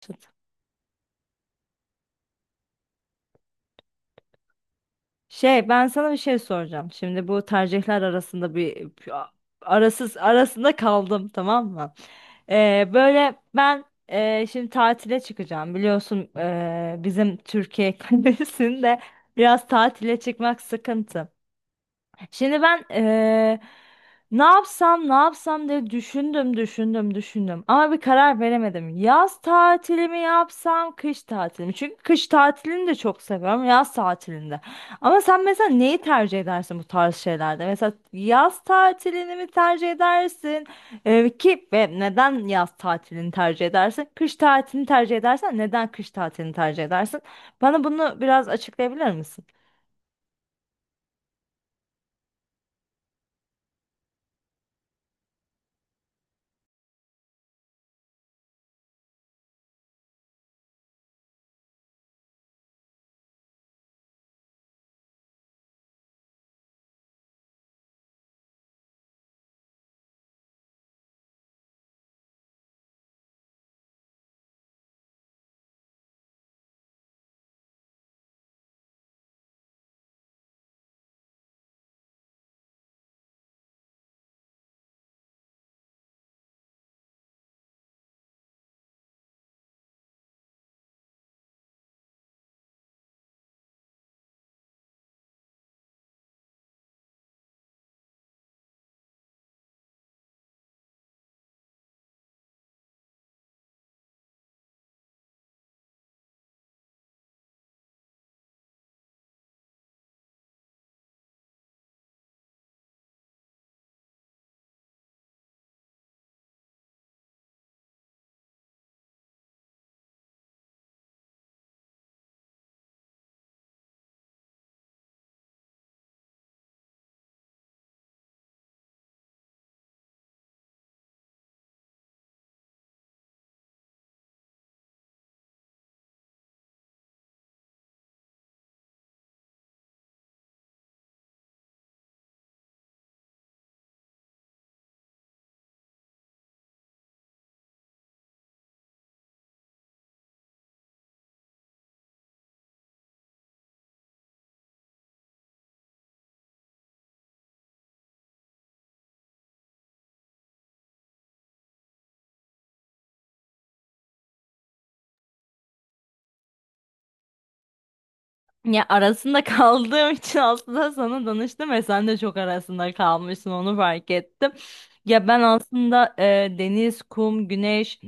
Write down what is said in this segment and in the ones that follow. Tut. Şey, ben sana bir şey soracağım. Şimdi bu tercihler arasında bir arasız arasında kaldım, tamam mı? Böyle ben şimdi tatile çıkacağım. Biliyorsun, bizim Türkiye kalesinde biraz tatile çıkmak sıkıntı. Şimdi ben ne yapsam ne yapsam diye düşündüm ama bir karar veremedim. Yaz tatili mi yapsam kış tatili mi? Çünkü kış tatilini de çok seviyorum yaz tatilinde. Ama sen mesela neyi tercih edersin bu tarz şeylerde? Mesela yaz tatilini mi tercih edersin? Ki ve neden yaz tatilini tercih edersin? Kış tatilini tercih edersen neden kış tatilini tercih edersin? Bana bunu biraz açıklayabilir misin? Ya, arasında kaldığım için aslında sana danıştım ve sen de çok arasında kalmışsın, onu fark ettim. Ya ben aslında deniz, kum, güneş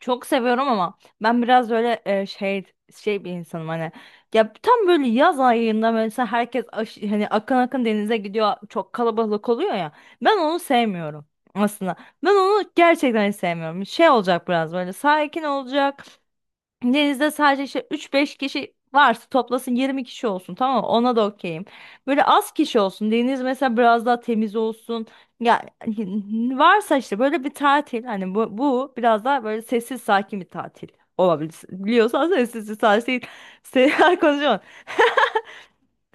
çok seviyorum ama ben biraz öyle şey, şey bir insanım hani. Ya tam böyle yaz ayında mesela herkes hani akın akın denize gidiyor, çok kalabalık oluyor ya. Ben onu sevmiyorum aslında. Ben onu gerçekten hiç sevmiyorum. Şey olacak, biraz böyle sakin olacak. Denizde sadece işte üç beş kişi varsa toplasın 20 kişi olsun, tamam mı? Ona da okeyim. Böyle az kişi olsun. Deniz mesela biraz daha temiz olsun. Ya, varsa işte böyle bir tatil hani, bu biraz daha böyle sessiz sakin bir tatil olabilir. Biliyorsan sessiz sakin konuşamam.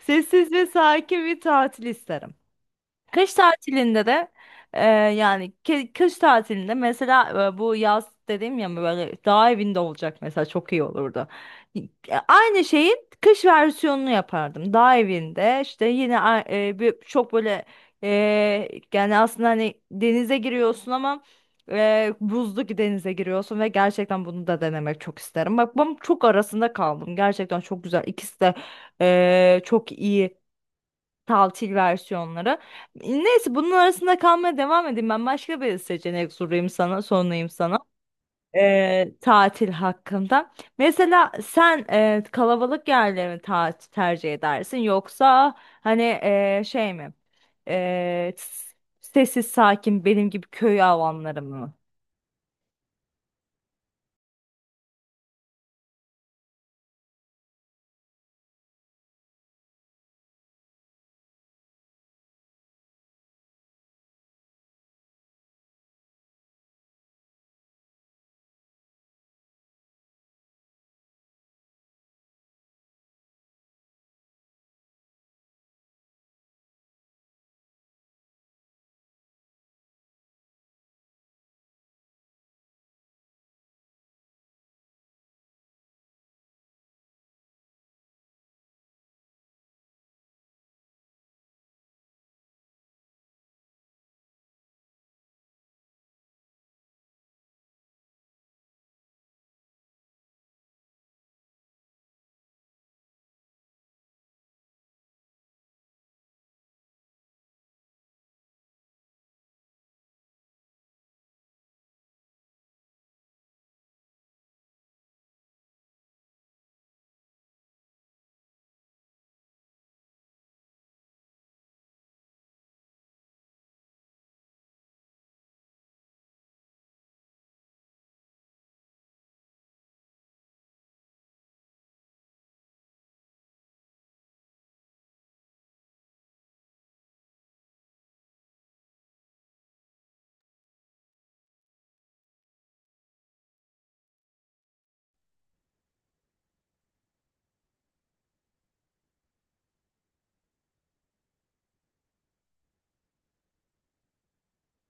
Sessiz ve sakin bir tatil isterim. Kış tatilinde de yani kış tatilinde mesela bu yaz dediğim ya, böyle dağ evinde olacak mesela, çok iyi olurdu. Y- Aynı şeyin kış versiyonunu yapardım. Dağ evinde işte yine çok böyle e, yani aslında hani denize giriyorsun ama buzlu ki denize giriyorsun ve gerçekten bunu da denemek çok isterim. Bak, ben çok arasında kaldım. Gerçekten çok güzel. İkisi de çok iyi. Taltil versiyonları. Neyse, bunun arasında kalmaya devam edeyim. Ben başka bir seçenek sorayım sana, sorayım sana. Tatil hakkında. Mesela sen kalabalık yerleri mi tercih edersin, yoksa hani şey mi? E, s- Sessiz sakin benim gibi köy avamları mı?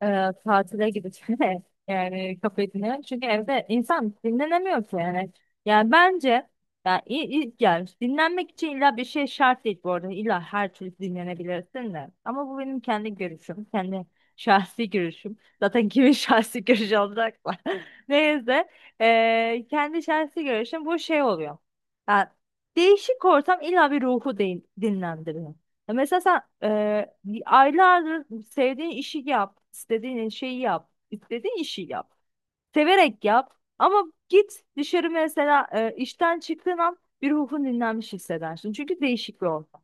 Tatile gideceğine yani kafesine. Çünkü evde insan dinlenemiyor ki yani. Yani bence yani, i- yani dinlenmek için illa bir şey şart değil bu arada. İlla her türlü dinlenebilirsin de. Ama bu benim kendi görüşüm. Kendi şahsi görüşüm. Zaten kimin şahsi görüşü olacak mı? Neyse. Kendi şahsi görüşüm bu şey oluyor. Yani değişik ortam illa bir ruhu dinlendiriyor. Ya mesela sen aylardır sevdiğin işi yap, istediğin şeyi yap, istediğin işi yap, severek yap. Ama git dışarı mesela, işten çıktığın an bir ruhun dinlenmiş hissedersin. Çünkü değişik bir ortam.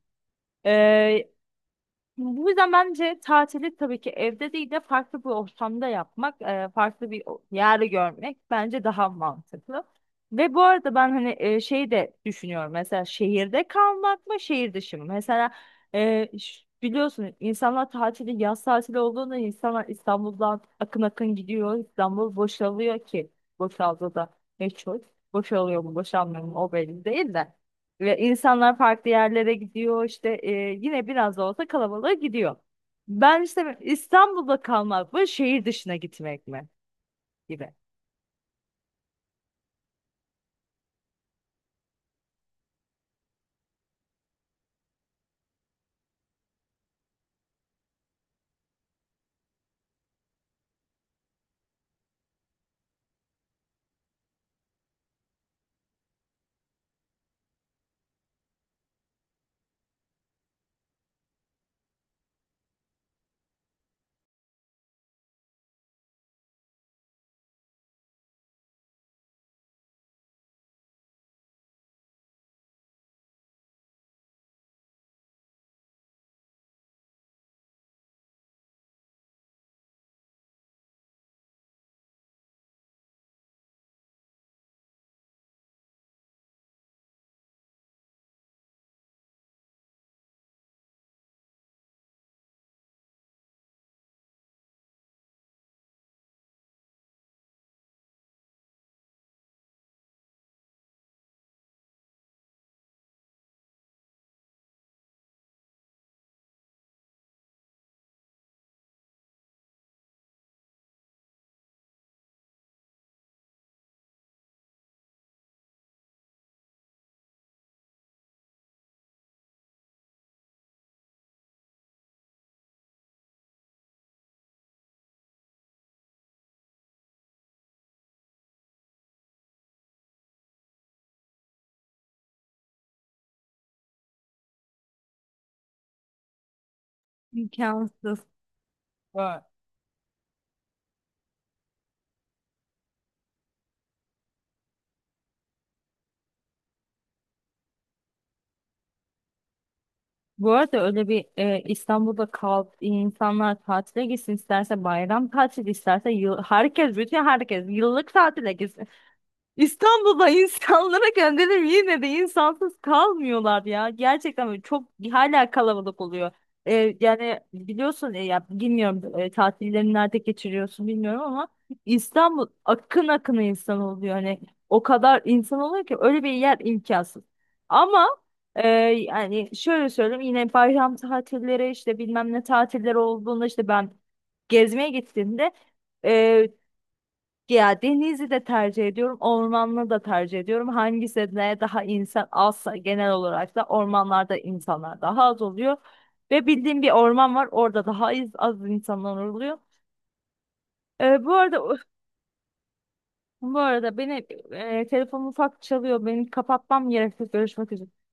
Bu yüzden bence tatili tabii ki evde değil de farklı bir ortamda yapmak, farklı bir yer görmek bence daha mantıklı. Ve bu arada ben hani şeyi de düşünüyorum. Mesela şehirde kalmak mı, şehir dışı mı? Mesela biliyorsun insanlar tatili, yaz tatili olduğunda insanlar İstanbul'dan akın akın gidiyor. İstanbul boşalıyor ki boşaldı da ne çok. Boşalıyor mu, boşalmıyor mu o belli değil de. Ve insanlar farklı yerlere gidiyor işte, yine biraz da olsa kalabalığa gidiyor. Ben işte İstanbul'da kalmak mı şehir dışına gitmek mi gibi. İmkansız. Evet. Bu arada öyle bir İstanbul'da kal, insanlar tatile gitsin, isterse bayram tatili isterse yıl, herkes bütün herkes yıllık tatile gitsin. İstanbul'da insanlara gönderim, yine de insansız kalmıyorlar ya. Gerçekten böyle çok hala kalabalık oluyor. Yani biliyorsun, ya bilmiyorum, tatillerini nerede geçiriyorsun bilmiyorum ama İstanbul akın akın insan oluyor. Hani o kadar insan oluyor ki öyle bir yer imkansız. Ama yani şöyle söyleyeyim, yine bayram tatilleri işte bilmem ne tatilleri olduğunda işte ben gezmeye gittiğimde e, ya denizi de tercih ediyorum, ormanlı da tercih ediyorum. Hangisine daha insan azsa, genel olarak da ormanlarda insanlar daha az oluyor. Ve bildiğim bir orman var, orada daha az, az insanlar oluyor. Bu arada, beni telefonum ufak çalıyor. Benim kapatmam gerekiyor. Görüşmek üzere.